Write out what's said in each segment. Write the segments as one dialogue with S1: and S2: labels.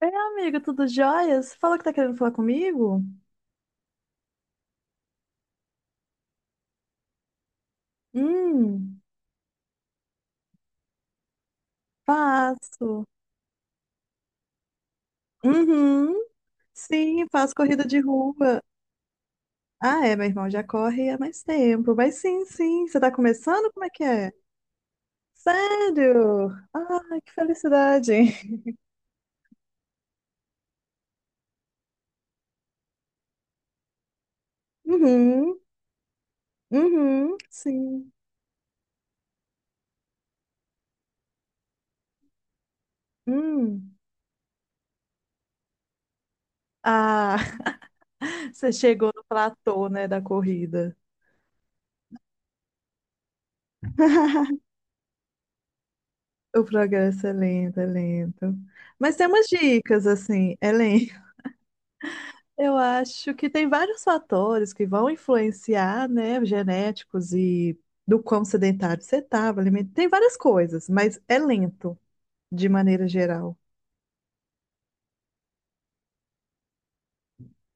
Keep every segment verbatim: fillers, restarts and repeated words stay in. S1: É amigo, tudo jóia? Você falou que tá querendo falar comigo? Hum, faço. Uhum, sim, faço corrida de rua. Ah, é, meu irmão já corre há mais tempo. Mas sim, sim, você tá começando? Como é que é? Sério? Ah, que felicidade. Uhum, uhum, sim. Hum. Ah, você chegou no platô, né, da corrida. O progresso é lento, é lento. Mas tem umas dicas, assim, é lento. Eu acho que tem vários fatores que vão influenciar, né, genéticos e do quão sedentário você estava, tem várias coisas, mas é lento, de maneira geral.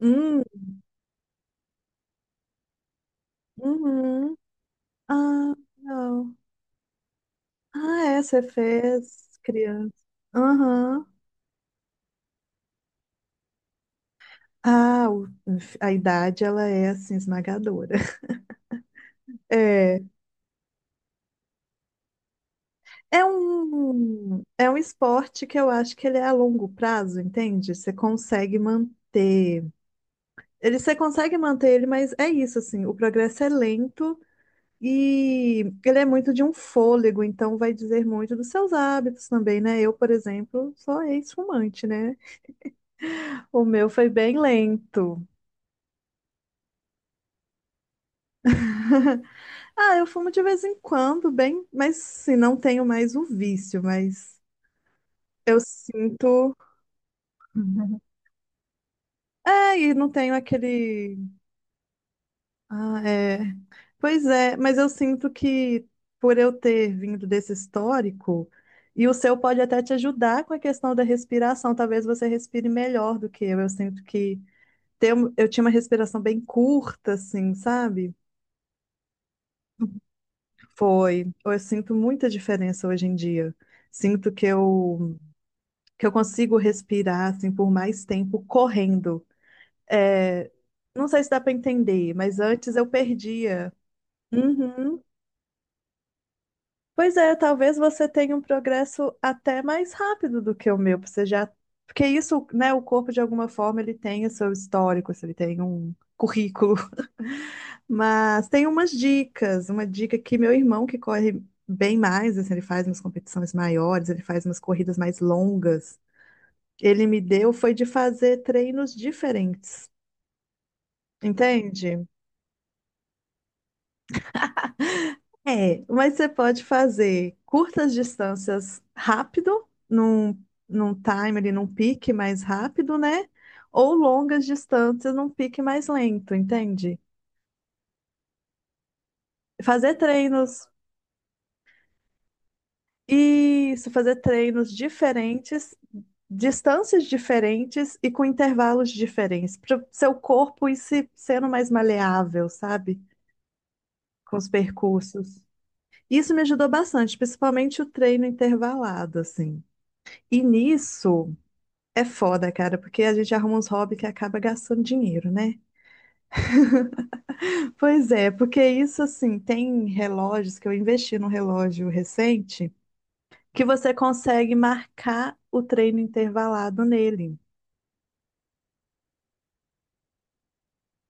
S1: Hum, uhum. Ah, não. Ah, é, você fez criança. Aham. Ah, o- a idade, ela é, assim, esmagadora. É, é um, é um esporte que eu acho que ele é a longo prazo, entende? Você consegue manter. Ele você consegue manter ele, mas é isso, assim, o progresso é lento e ele é muito de um fôlego, então vai dizer muito dos seus hábitos também, né? Eu, por exemplo, sou ex-fumante, né? O meu foi bem lento. Ah, eu fumo de vez em quando, bem, mas sim, não tenho mais o vício, mas eu sinto. É, e não tenho aquele. Ah, é. Pois é, mas eu sinto que por eu ter vindo desse histórico, e o seu pode até te ajudar com a questão da respiração, talvez você respire melhor do que eu. Eu sinto que ter um- eu tinha uma respiração bem curta, assim, sabe? Foi. Eu sinto muita diferença hoje em dia. Sinto que eu, que eu consigo respirar assim por mais tempo correndo. É, não sei se dá para entender, mas antes eu perdia. Uhum. Pois é, talvez você tenha um progresso até mais rápido do que o meu, porque você já. Porque isso, né, o corpo de alguma forma ele tem o seu histórico, assim, ele tem um currículo. Mas tem umas dicas, uma dica que meu irmão que corre bem mais, assim, ele faz umas competições maiores, ele faz umas corridas mais longas. Ele me deu foi de fazer treinos diferentes, entende? É, mas você pode fazer curtas distâncias rápido, num, num timer e num pique mais rápido, né? Ou longas distâncias num pique mais lento, entende? Fazer treinos, isso, fazer treinos diferentes, distâncias diferentes e com intervalos diferentes, para seu corpo ir se sendo mais maleável, sabe? Com os percursos. Isso me ajudou bastante, principalmente o treino intervalado, assim. E nisso. É foda, cara, porque a gente arruma uns hobbies que acaba gastando dinheiro, né? Pois é, porque isso assim, tem relógios que eu investi num relógio recente que você consegue marcar o treino intervalado nele.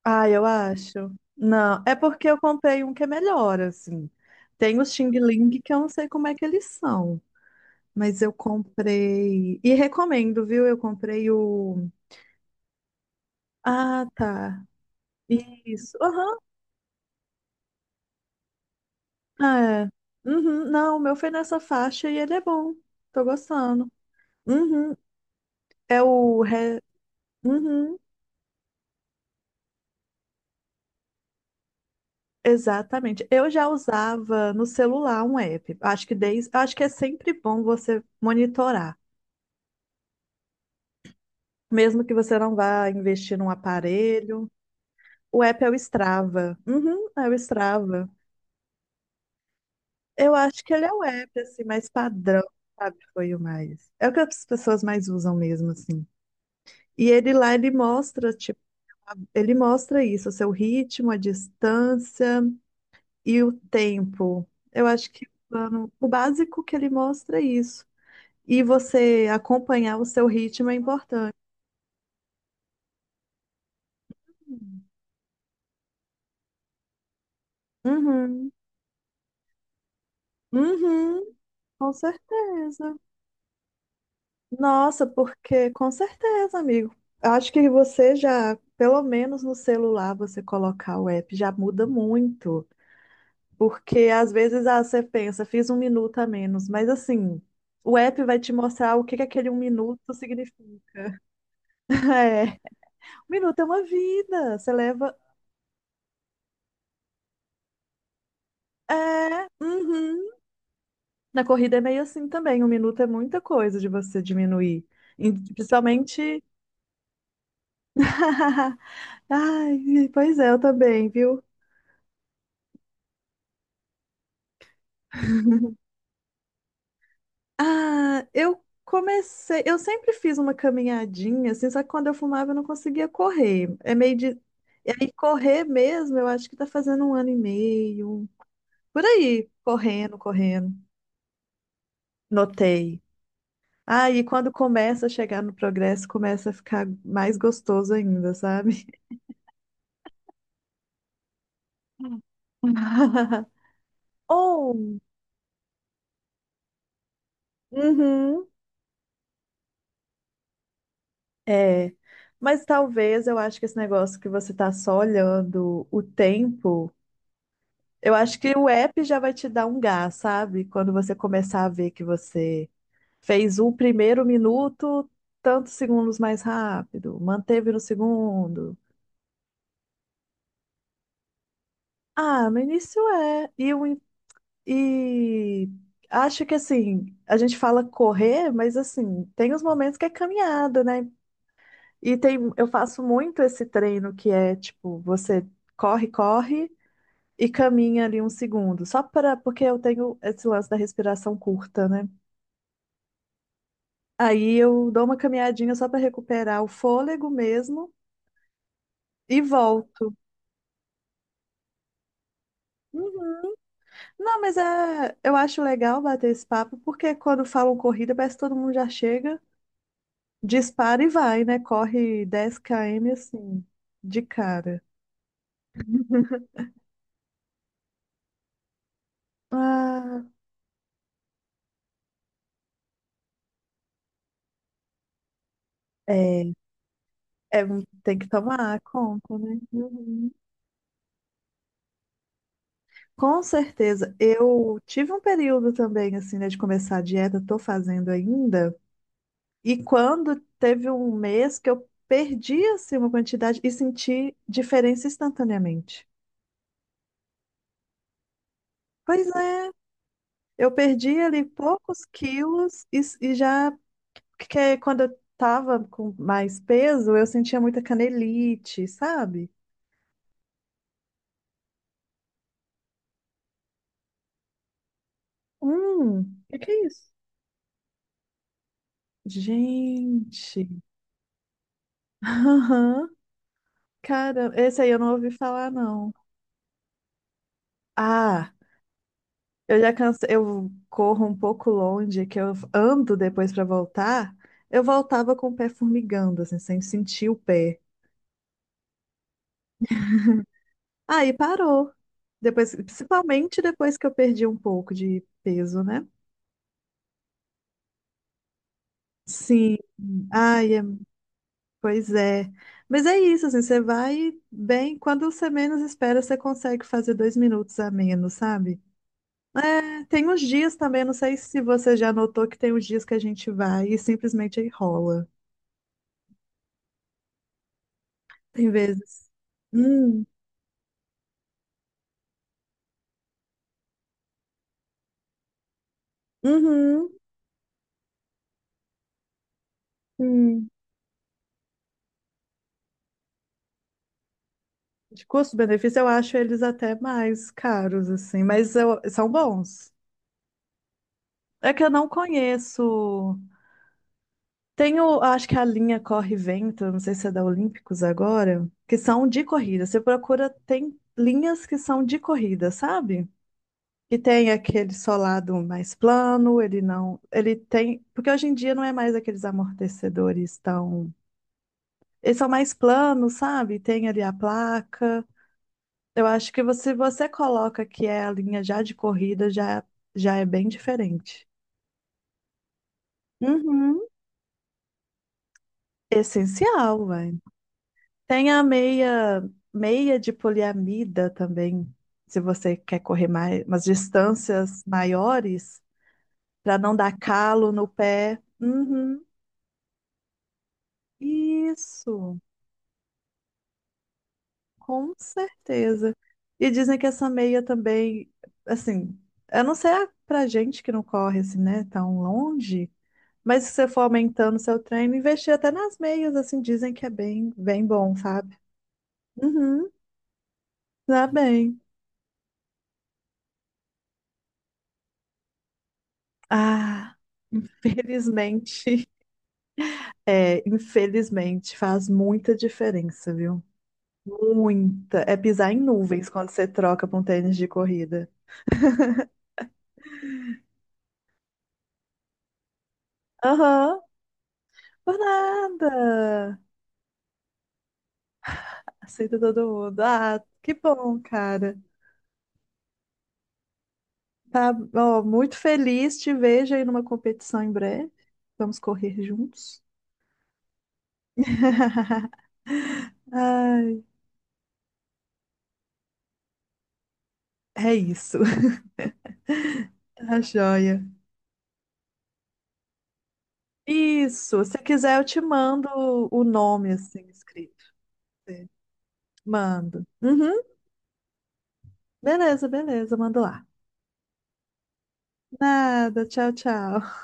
S1: Ah, eu acho. Não, é porque eu comprei um que é melhor, assim. Tem os Xing Ling que eu não sei como é que eles são, mas eu comprei e recomendo, viu? Eu comprei o. Ah, tá. Isso. Aham. É. Uhum. Não, o meu foi nessa faixa e ele é bom. Tô gostando. Uhum. É o. Re... Uhum. Exatamente. Eu já usava no celular um app. Acho que desde... Acho que é sempre bom você monitorar. Mesmo que você não vá investir num aparelho. O app é o Strava. Uhum, é o Strava. Eu acho que ele é o app, assim, mais padrão, sabe? Foi o mais. É o que as pessoas mais usam mesmo, assim. E ele lá, ele mostra. Ele mostra isso, o seu ritmo, a distância e o tempo. Eu acho que o plano- o básico que ele mostra é isso. E você acompanhar o seu ritmo é importante. Uhum. Uhum. Com certeza. Nossa, porque com certeza, amigo. Acho que você já, pelo menos no celular, você colocar o app já muda muito. Porque às vezes ah, você pensa, fiz um minuto a menos, mas assim, o app vai te mostrar o que que aquele um minuto significa. É, um minuto é uma vida, você leva. É, uhum. Na corrida é meio assim também, um minuto é muita coisa de você diminuir. E, principalmente. Ai, pois é, eu também, viu? Ah, eu comecei. Eu sempre fiz uma caminhadinha, assim, só que quando eu fumava eu não conseguia correr. É meio de. E aí, correr mesmo, eu acho que tá fazendo um ano e meio. Por aí, correndo, correndo. Notei. Ah, e quando começa a chegar no progresso, começa a ficar mais gostoso ainda, sabe? Hum. Ou, uhum, é. Mas talvez eu acho que esse negócio que você tá só olhando o tempo. Eu acho que o app já vai te dar um gás, sabe? Quando você começar a ver que você fez o primeiro minuto, tantos segundos mais rápido, manteve no segundo. Ah, no início é. E, o in- e acho que assim, a gente fala correr, mas assim, tem os momentos que é caminhada, né? E tem, eu faço muito esse treino que é tipo, você corre, corre e caminha ali um segundo, só para porque eu tenho esse lance da respiração curta, né? Aí eu dou uma caminhadinha só para recuperar o fôlego mesmo e volto. Uhum. Não, mas é, eu acho legal bater esse papo, porque quando falam corrida, parece que todo mundo já chega, dispara e vai, né? Corre dez quilômetros assim, de cara. Ah, é, é, tem que tomar conta, né? Uhum. Com certeza. Eu tive um período também, assim, né, de começar a dieta, tô fazendo ainda. E quando teve um mês que eu perdi assim uma quantidade e senti diferença instantaneamente. Pois é, eu perdi ali poucos quilos e, e já que quando eu tava com mais peso, eu sentia muita canelite, sabe? Hum, o que que é isso? Gente. Aham. Cara, esse aí eu não ouvi falar não. Ah. Eu já cansei, eu corro um pouco longe, que eu ando depois pra voltar. Eu voltava com o pé formigando, assim, sem sentir o pé. Aí parou. Depois, principalmente depois que eu perdi um pouco de peso, né? Sim. Ai, é- pois é. Mas é isso, assim, você vai bem, quando você menos espera, você consegue fazer dois minutos a menos, sabe? É, tem uns dias também, não sei se você já notou que tem uns dias que a gente vai e simplesmente aí rola. Tem vezes. Hum, uhum, hum. De custo-benefício, eu acho eles até mais caros, assim, mas eu- são bons. É que eu não conheço. Tem o, acho que a linha Corre e Vento, não sei se é da Olímpicos agora, que são de corrida. Você procura, tem linhas que são de corrida, sabe? Que tem aquele solado mais plano, ele não. Ele tem. Porque hoje em dia não é mais aqueles amortecedores tão. Eles são mais planos, sabe? Tem ali a placa. Eu acho que você, se você coloca que é a linha já de corrida, já, já é bem diferente. Uhum. Essencial, velho. Tem a meia, meia de poliamida também, se você quer correr mais, umas distâncias maiores, para não dar calo no pé. Uhum. Isso, com certeza. E dizem que essa meia também, assim, eu não sei a- pra gente que não corre assim, né, tão longe. Mas se você for aumentando seu treino, investir até nas meias, assim, dizem que é bem, bem bom, sabe? Uhum, tá bem. Ah, felizmente, é, infelizmente, faz muita diferença, viu? Muita. É pisar em nuvens quando você troca pra um tênis de corrida. Aham, por nada. Aceita todo mundo. Ah, que bom, cara. Tá, ó, muito feliz, te vejo aí numa competição em breve. Vamos correr juntos. Ai. É isso. Tá joia. Isso. Se quiser, eu te mando o nome assim escrito. Mando. Uhum. Beleza, beleza. Mando lá. Nada. Tchau, tchau.